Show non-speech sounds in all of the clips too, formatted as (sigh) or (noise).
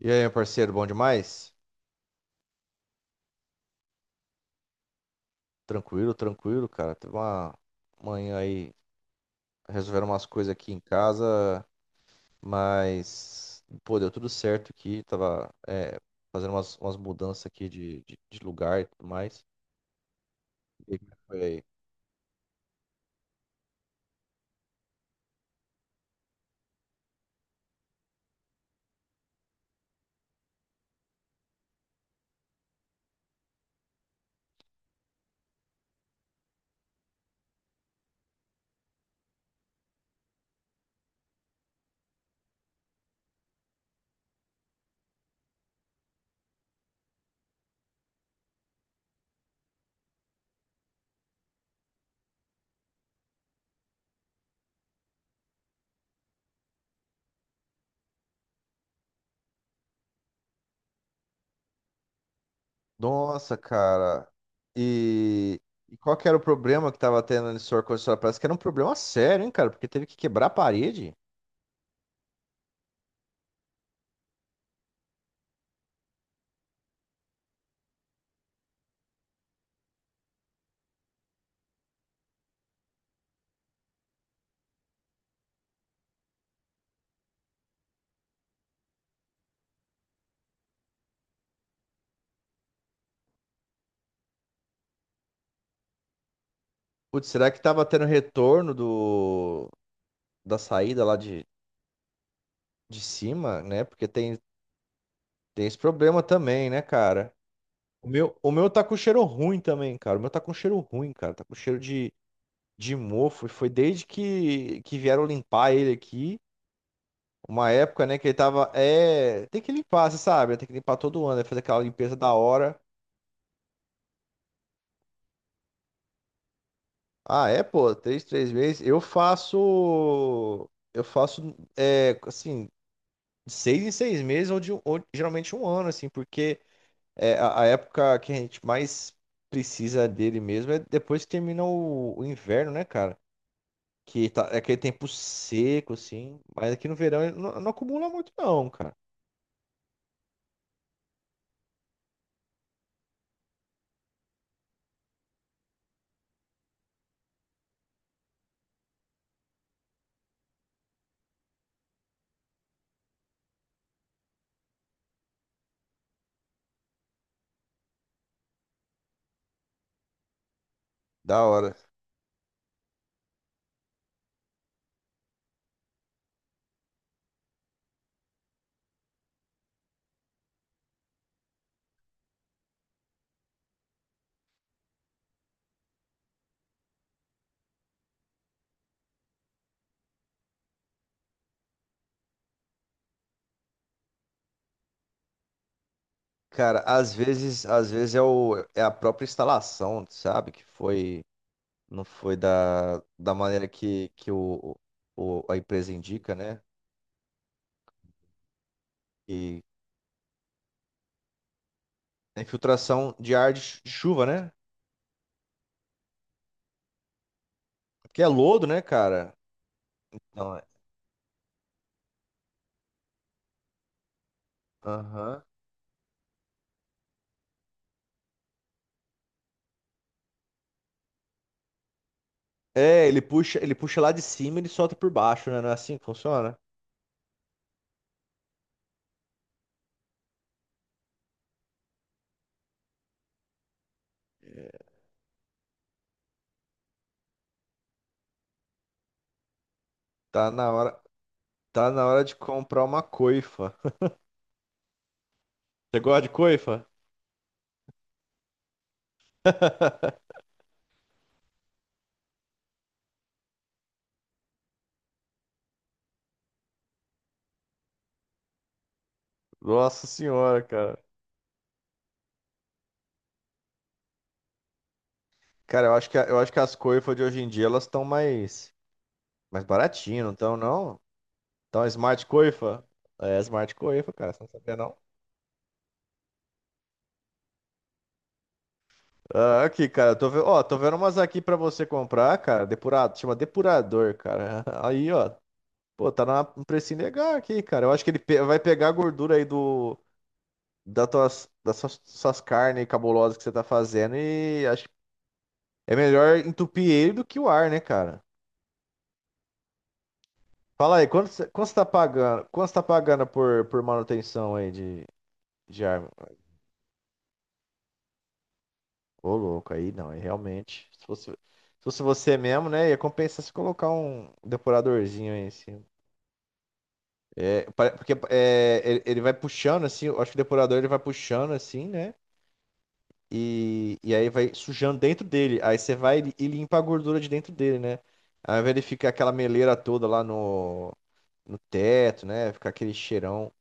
E aí, meu parceiro, bom demais? Tranquilo, tranquilo, cara. Teve uma manhã aí, resolveram umas coisas aqui em casa, mas, pô, deu tudo certo aqui. Tava, é, fazendo umas, mudanças aqui de lugar e tudo mais. E como é que foi aí? Nossa, cara. E, e qual que era o problema que tava tendo nesse ar-condicionado? Parece que era um problema sério, hein, cara? Porque teve que quebrar a parede. Putz, será que tava tendo retorno do, da saída lá de cima, né? Porque tem tem esse problema também, né, cara? O meu tá com cheiro ruim também, cara. O meu tá com cheiro ruim, cara. Tá com cheiro de mofo. E foi desde que vieram limpar ele aqui. Uma época, né, que ele tava. É. Tem que limpar, você sabe? Né? Tem que limpar todo ano, né? Fazer aquela limpeza da hora. Ah, é, pô, três, três meses. Eu faço. Eu faço, é, assim, de seis em seis meses, ou, de, um, ou geralmente um ano, assim, porque. É, a época que a gente mais precisa dele mesmo é depois que termina o inverno, né, cara? Que tá, é aquele tempo seco, assim. Mas aqui no verão ele não, não acumula muito, não, cara. Da hora. Cara, às vezes é, o, é a própria instalação, sabe? Que foi, não foi da maneira que o, a empresa indica, né? E a infiltração de ar de chu- de chuva, né? Porque é lodo, né, cara? Não, é. Aham. É, ele puxa lá de cima e ele solta por baixo, né? Não é assim que funciona? Tá na hora, tá na hora de comprar uma coifa. (laughs) Você gosta de coifa? (laughs) Nossa senhora, cara. Cara, eu acho que, a- eu acho que as coifas de hoje em dia elas estão mais, mais baratinhas, não estão, não? Então, Smart Coifa? É, Smart Coifa, cara, você não sabia, não? Ah, aqui, cara, eu tô, ve- ó, tô vendo umas aqui pra você comprar, cara, depurado, chama depurador, cara. (laughs) Aí, ó, pô, tá na- um precinho legal aqui, cara. Eu acho que ele pe- vai pegar a gordura aí do, da tuas, suas carnes cabulosas que você tá fazendo e acho que é melhor entupir ele do que o ar, né, cara? Fala aí, quanto você tá pagando, quanto você tá pagando por manutenção aí de arma? Ô, louco, aí não, aí realmente. Se fosse, se fosse você mesmo, né, ia compensar se colocar um depuradorzinho aí em cima. É, pare- Porque é, ele vai puxando assim, eu acho que o depurador ele vai puxando assim, né? E aí vai sujando dentro dele. Aí você vai e limpa a gordura de dentro dele, né? Aí ele fica aquela meleira toda lá no, no teto, né? Fica aquele cheirão.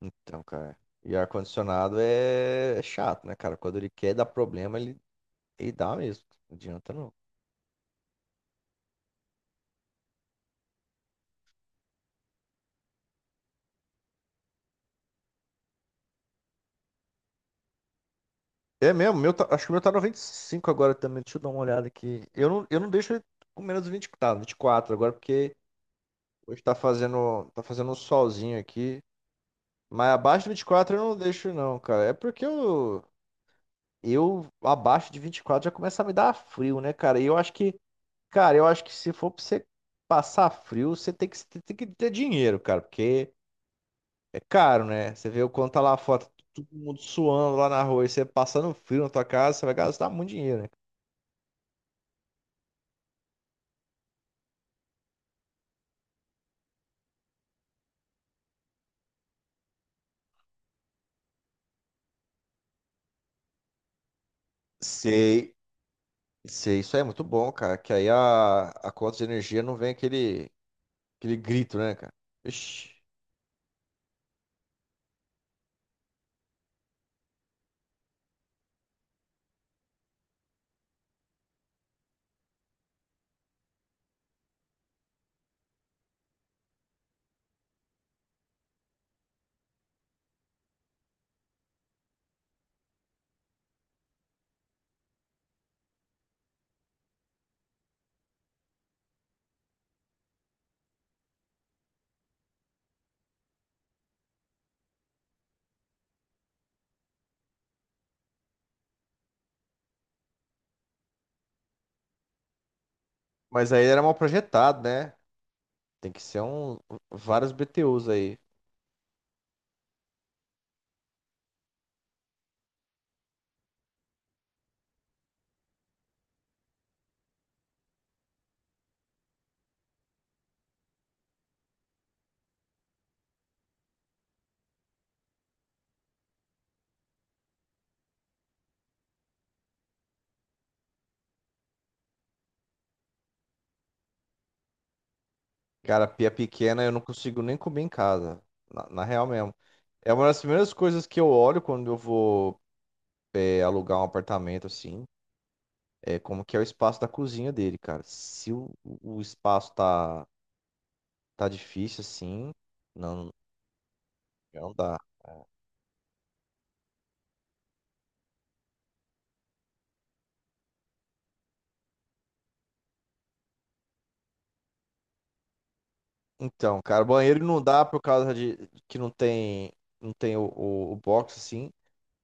Então, cara. E ar-condicionado é chato, né, cara? Quando ele quer dar problema, ele dá mesmo. Não adianta não. É mesmo, meu tá- acho que o meu tá noventa e cinco agora também. Deixa eu dar uma olhada aqui. Eu não deixo ele com menos de 20, tá, 24 agora, porque hoje tá fazendo um solzinho aqui. Mas abaixo de 24 eu não deixo, não, cara. É porque eu abaixo de 24 já começa a me dar frio, né, cara? E eu acho que, cara, eu acho que se for pra você passar frio, você tem que ter dinheiro, cara, porque é caro, né? Você vê o quanto tá lá a foto, todo mundo suando lá na rua e você passando frio na tua casa, você vai gastar muito dinheiro, né? Sei, sei, isso aí é muito bom, cara. Que aí a conta de energia não vem aquele, aquele grito, né, cara? Ixi. Mas aí era mal projetado, né? Tem que ser vários BTUs aí. Cara, pia pequena eu não consigo nem comer em casa. Na real mesmo. É uma das primeiras coisas que eu olho quando eu vou é, alugar um apartamento assim. É como que é o espaço da cozinha dele, cara. Se o, o espaço tá, tá difícil assim, não, não dá. Então, cara, banheiro não dá por causa de que não tem, não tem o box assim.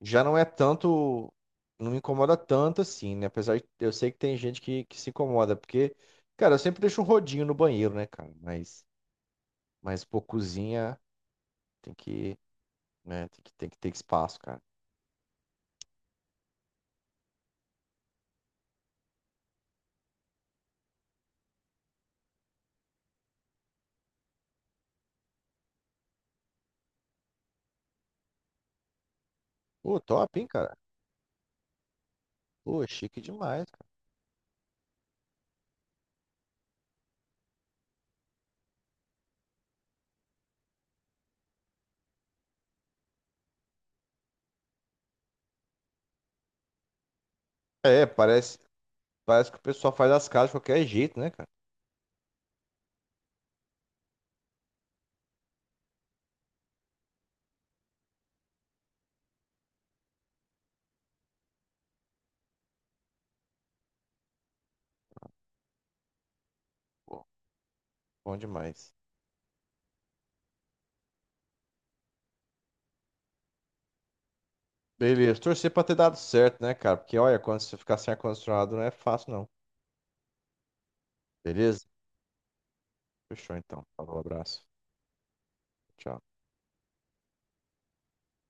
Já não é tanto, não me incomoda tanto assim, né? Apesar de eu sei que tem gente que se incomoda, porque, cara, eu sempre deixo um rodinho no banheiro, né, cara? Mas pô, cozinha tem que, né, tem que ter espaço, cara. Pô, top, hein, cara? Pô, chique demais, cara. É, parece, parece que o pessoal faz as casas de qualquer jeito, né, cara? Pô, bom demais. Beleza, torcer pra ter dado certo, né, cara? Porque olha, quando você ficar sem ar-condicionado não é fácil, não. Beleza? Fechou então. Falou, abraço. Tchau.